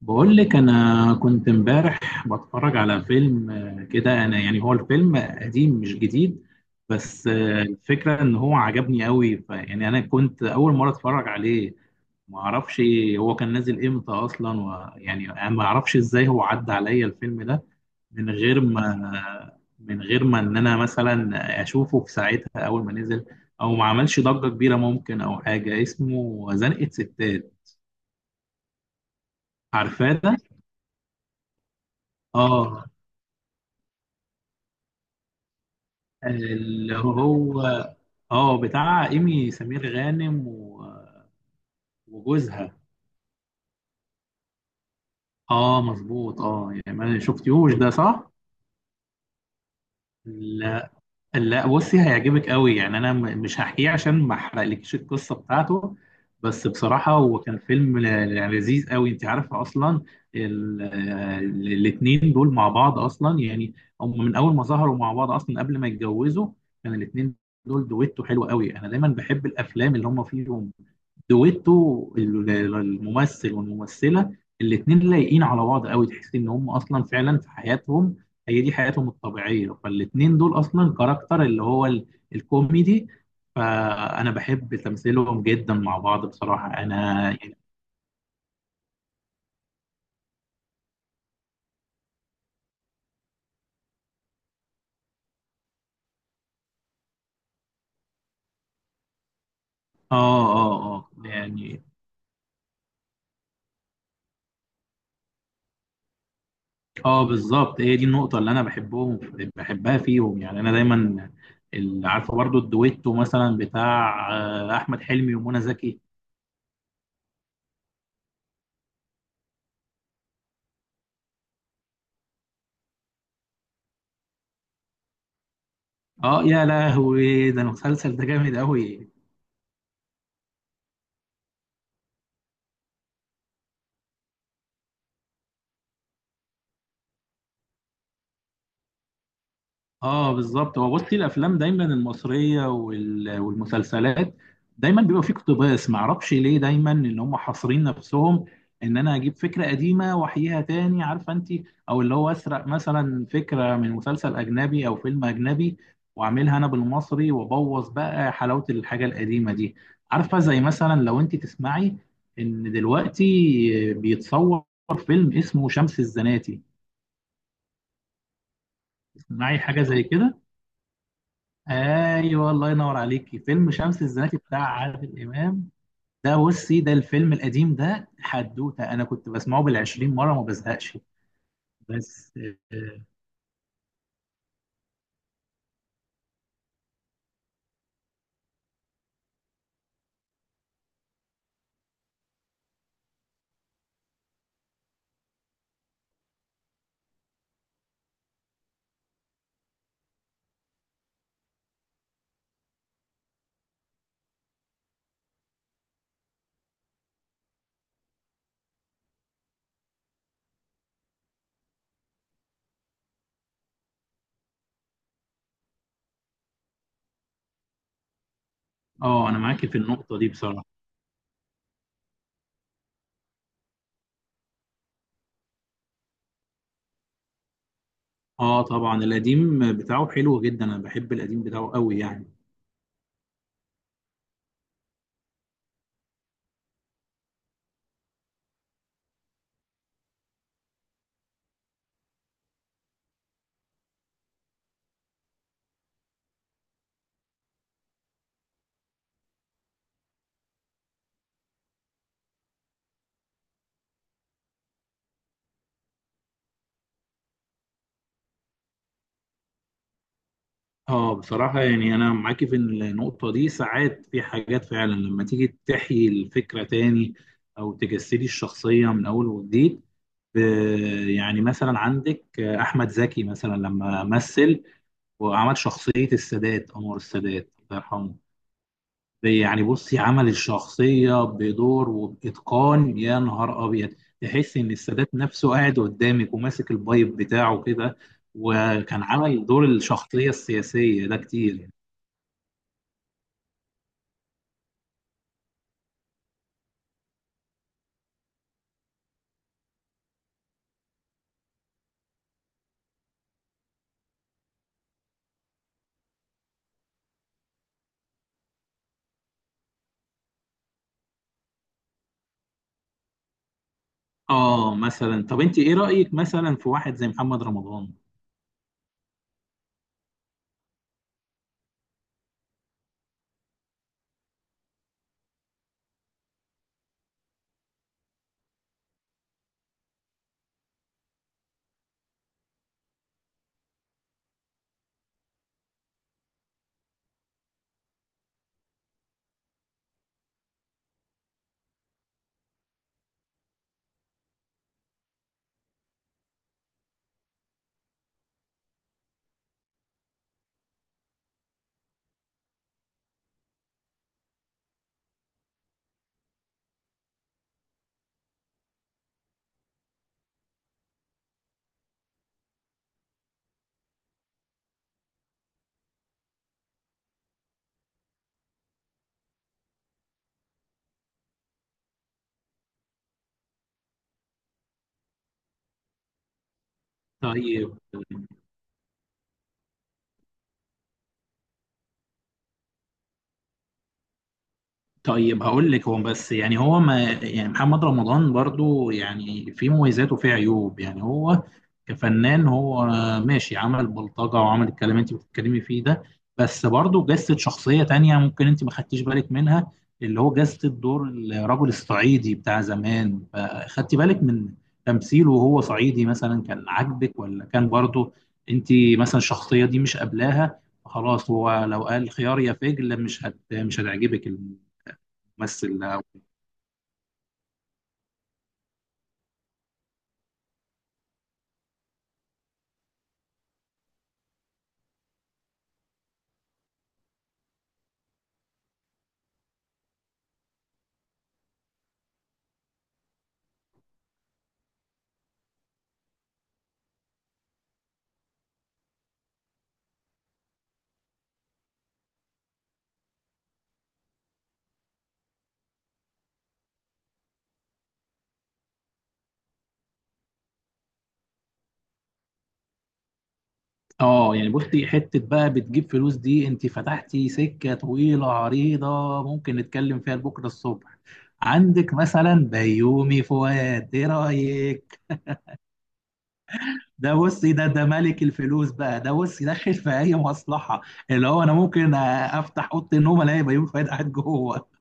بقول لك انا كنت امبارح بتفرج على فيلم، كده. انا يعني هو الفيلم قديم مش جديد، بس الفكره ان هو عجبني قوي، فيعني انا كنت اول مره اتفرج عليه. ما اعرفش هو كان نازل امتى اصلا، ويعني انا ما اعرفش ازاي هو عدى عليا الفيلم ده من غير ما من غير ما ان انا مثلا اشوفه في ساعتها اول ما نزل، او ما عملش ضجه كبيره ممكن، او حاجه اسمه زنقة ستات. عارفاه ده؟ اه، اللي هو اه بتاع ايمي سمير غانم و- وجوزها. اه مظبوط، اه يعني ما شفتيهوش ده صح؟ لا، لا، بصي هيعجبك قوي. يعني انا مش هحكيه عشان ما احرقلكيش القصه بتاعته. بس بصراحه هو كان فيلم يعني لذيذ قوي. انت عارفه اصلا الاثنين دول مع بعض اصلا، يعني هم من اول ما ظهروا مع بعض اصلا قبل ما يتجوزوا. كان الاثنين دول دويتو حلو قوي، انا دايما بحب الافلام اللي هم فيهم دويتو. الممثل والممثله الاثنين لايقين على بعض قوي، تحس ان هم اصلا فعلا في حياتهم، هي دي حياتهم الطبيعيه. فالاثنين دول اصلا كاركتر اللي هو الكوميدي. فانا بحب تمثيلهم جدا مع بعض، بصراحه انا يعني. اه، اه، اه، يعني اه بالظبط هي دي النقطه اللي انا بحبهم بحبها فيهم. يعني انا دايما عارفه برضو الدويتو مثلا بتاع احمد حلمي ومنى زكي. اه يا لهوي، ده المسلسل ده جامد قوي. اه بالظبط، هو بصي الافلام دايما المصريه وال- والمسلسلات دايما بيبقى فيه اقتباس. ما اعرفش ليه دايما ان هم حاصرين نفسهم، ان انا اجيب فكره قديمه واحييها تاني، عارفه انت، او اللي هو اسرق مثلا فكره من مسلسل اجنبي او فيلم اجنبي واعملها انا بالمصري، وابوظ بقى حلاوه الحاجه القديمه دي. عارفه زي مثلا لو انت تسمعي ان دلوقتي بيتصور فيلم اسمه شمس الزناتي، معي حاجه زي كده. ايوه، الله ينور عليكي، فيلم شمس الزناتي بتاع عادل امام ده. بصي ده الفيلم القديم ده حدوته انا كنت بسمعه بالعشرين مره ما بزهقش. بس اه، انا معاكي في النقطه دي بصراحه. اه طبعا، القديم بتاعه حلو جدا، انا بحب القديم بتاعه قوي يعني. اه بصراحه، يعني انا معاكي في النقطه دي، ساعات في حاجات فعلا لما تيجي تحيي الفكره تاني او تجسدي الشخصيه من اول وجديد. ب- يعني مثلا عندك احمد زكي مثلا، لما مثل وعمل شخصيه السادات، انور السادات الله يرحمه. يعني بصي، عمل الشخصيه بدور وباتقان يا نهار ابيض، تحس ان السادات نفسه قاعد قدامك وماسك البايب بتاعه كده. وكان عمل دور الشخصيه السياسيه ده كتير. اه مثلا طب انت ايه رايك مثلا في واحد زي محمد رمضان؟ طيب، طيب هقول لك. هو بس يعني هو ما يعني محمد رمضان برضو يعني في مميزات وفي عيوب، يعني هو كفنان هو ماشي، عمل بلطجة وعمل الكلام اللي انت بتتكلمي فيه ده، بس برضو جسد شخصية تانية ممكن انت ما خدتيش بالك منها، اللي هو جسد دور الرجل الصعيدي بتاع زمان. فخدتي بالك من تمثيله وهو صعيدي مثلا، كان عاجبك، ولا كان برضو انت مثلا الشخصية دي مش قابلاها؟ خلاص، هو لو قال خيار يا فجل مش هت مش هتعجبك. بس يعني بصي، حتة بقى بتجيب فلوس دي انت فتحتي سكة طويلة عريضة، ممكن نتكلم فيها لبكرة الصبح. عندك مثلا بيومي فؤاد، ايه رأيك؟ ده بصي ده ملك الفلوس بقى، ده بصي داخل في اي مصلحة، اللي هو انا ممكن افتح اوضة النوم الاقي بيومي فؤاد قاعد جوه.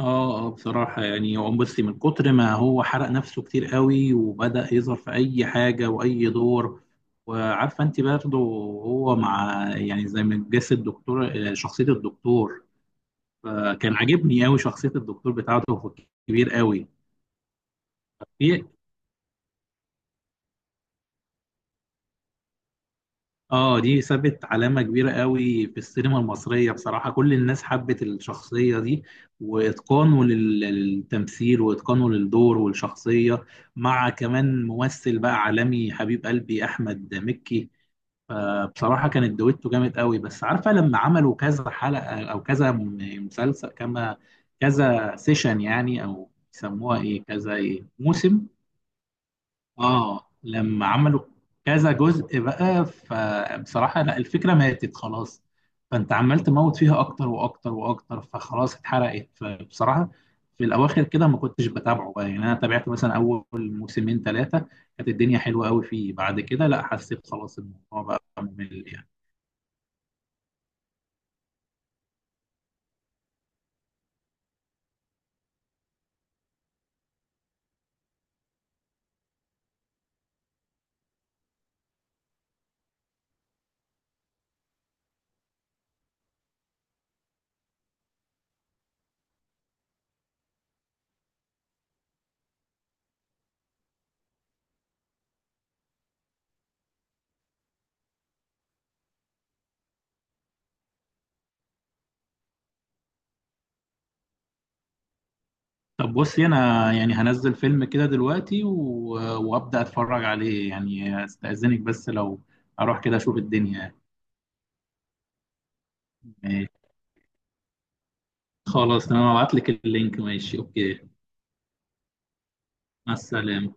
اه، اه، بصراحة يعني هو بصي من كتر ما هو حرق نفسه كتير قوي وبدأ يظهر في أي حاجة وأي دور. وعارفة أنت برضه، هو مع يعني زي ما جسد الدكتور، شخصية الدكتور، فكان عاجبني قوي شخصية الدكتور بتاعته، هو كبير قوي. في اه دي سابت علامة كبيرة قوي في السينما المصرية بصراحة، كل الناس حبت الشخصية دي، واتقانه للتمثيل واتقانه للدور والشخصية، مع كمان ممثل بقى عالمي حبيب قلبي احمد مكي. فبصراحة كانت دويتو جامد قوي. بس عارفة لما عملوا كذا حلقة او كذا مسلسل، كما كذا سيشن يعني، او يسموها ايه، كذا ايه موسم. اه، لما عملوا كذا جزء بقى، فبصراحة لا، الفكرة ماتت خلاص، فانت عمال تموت فيها اكتر واكتر واكتر، فخلاص اتحرقت. فبصراحة في الاواخر كده ما كنتش بتابعه بقى، يعني انا تابعت مثلا اول موسمين ثلاثة، كانت الدنيا حلوة قوي فيه. بعد كده لا، حسيت خلاص الموضوع بقى ممل يعني. طب بصي انا يعني هنزل فيلم كده دلوقتي و... وابدأ اتفرج عليه، يعني استأذنك بس لو اروح كده اشوف الدنيا. خلاص، انا هبعت لك اللينك، ماشي، اوكي. مع السلامة.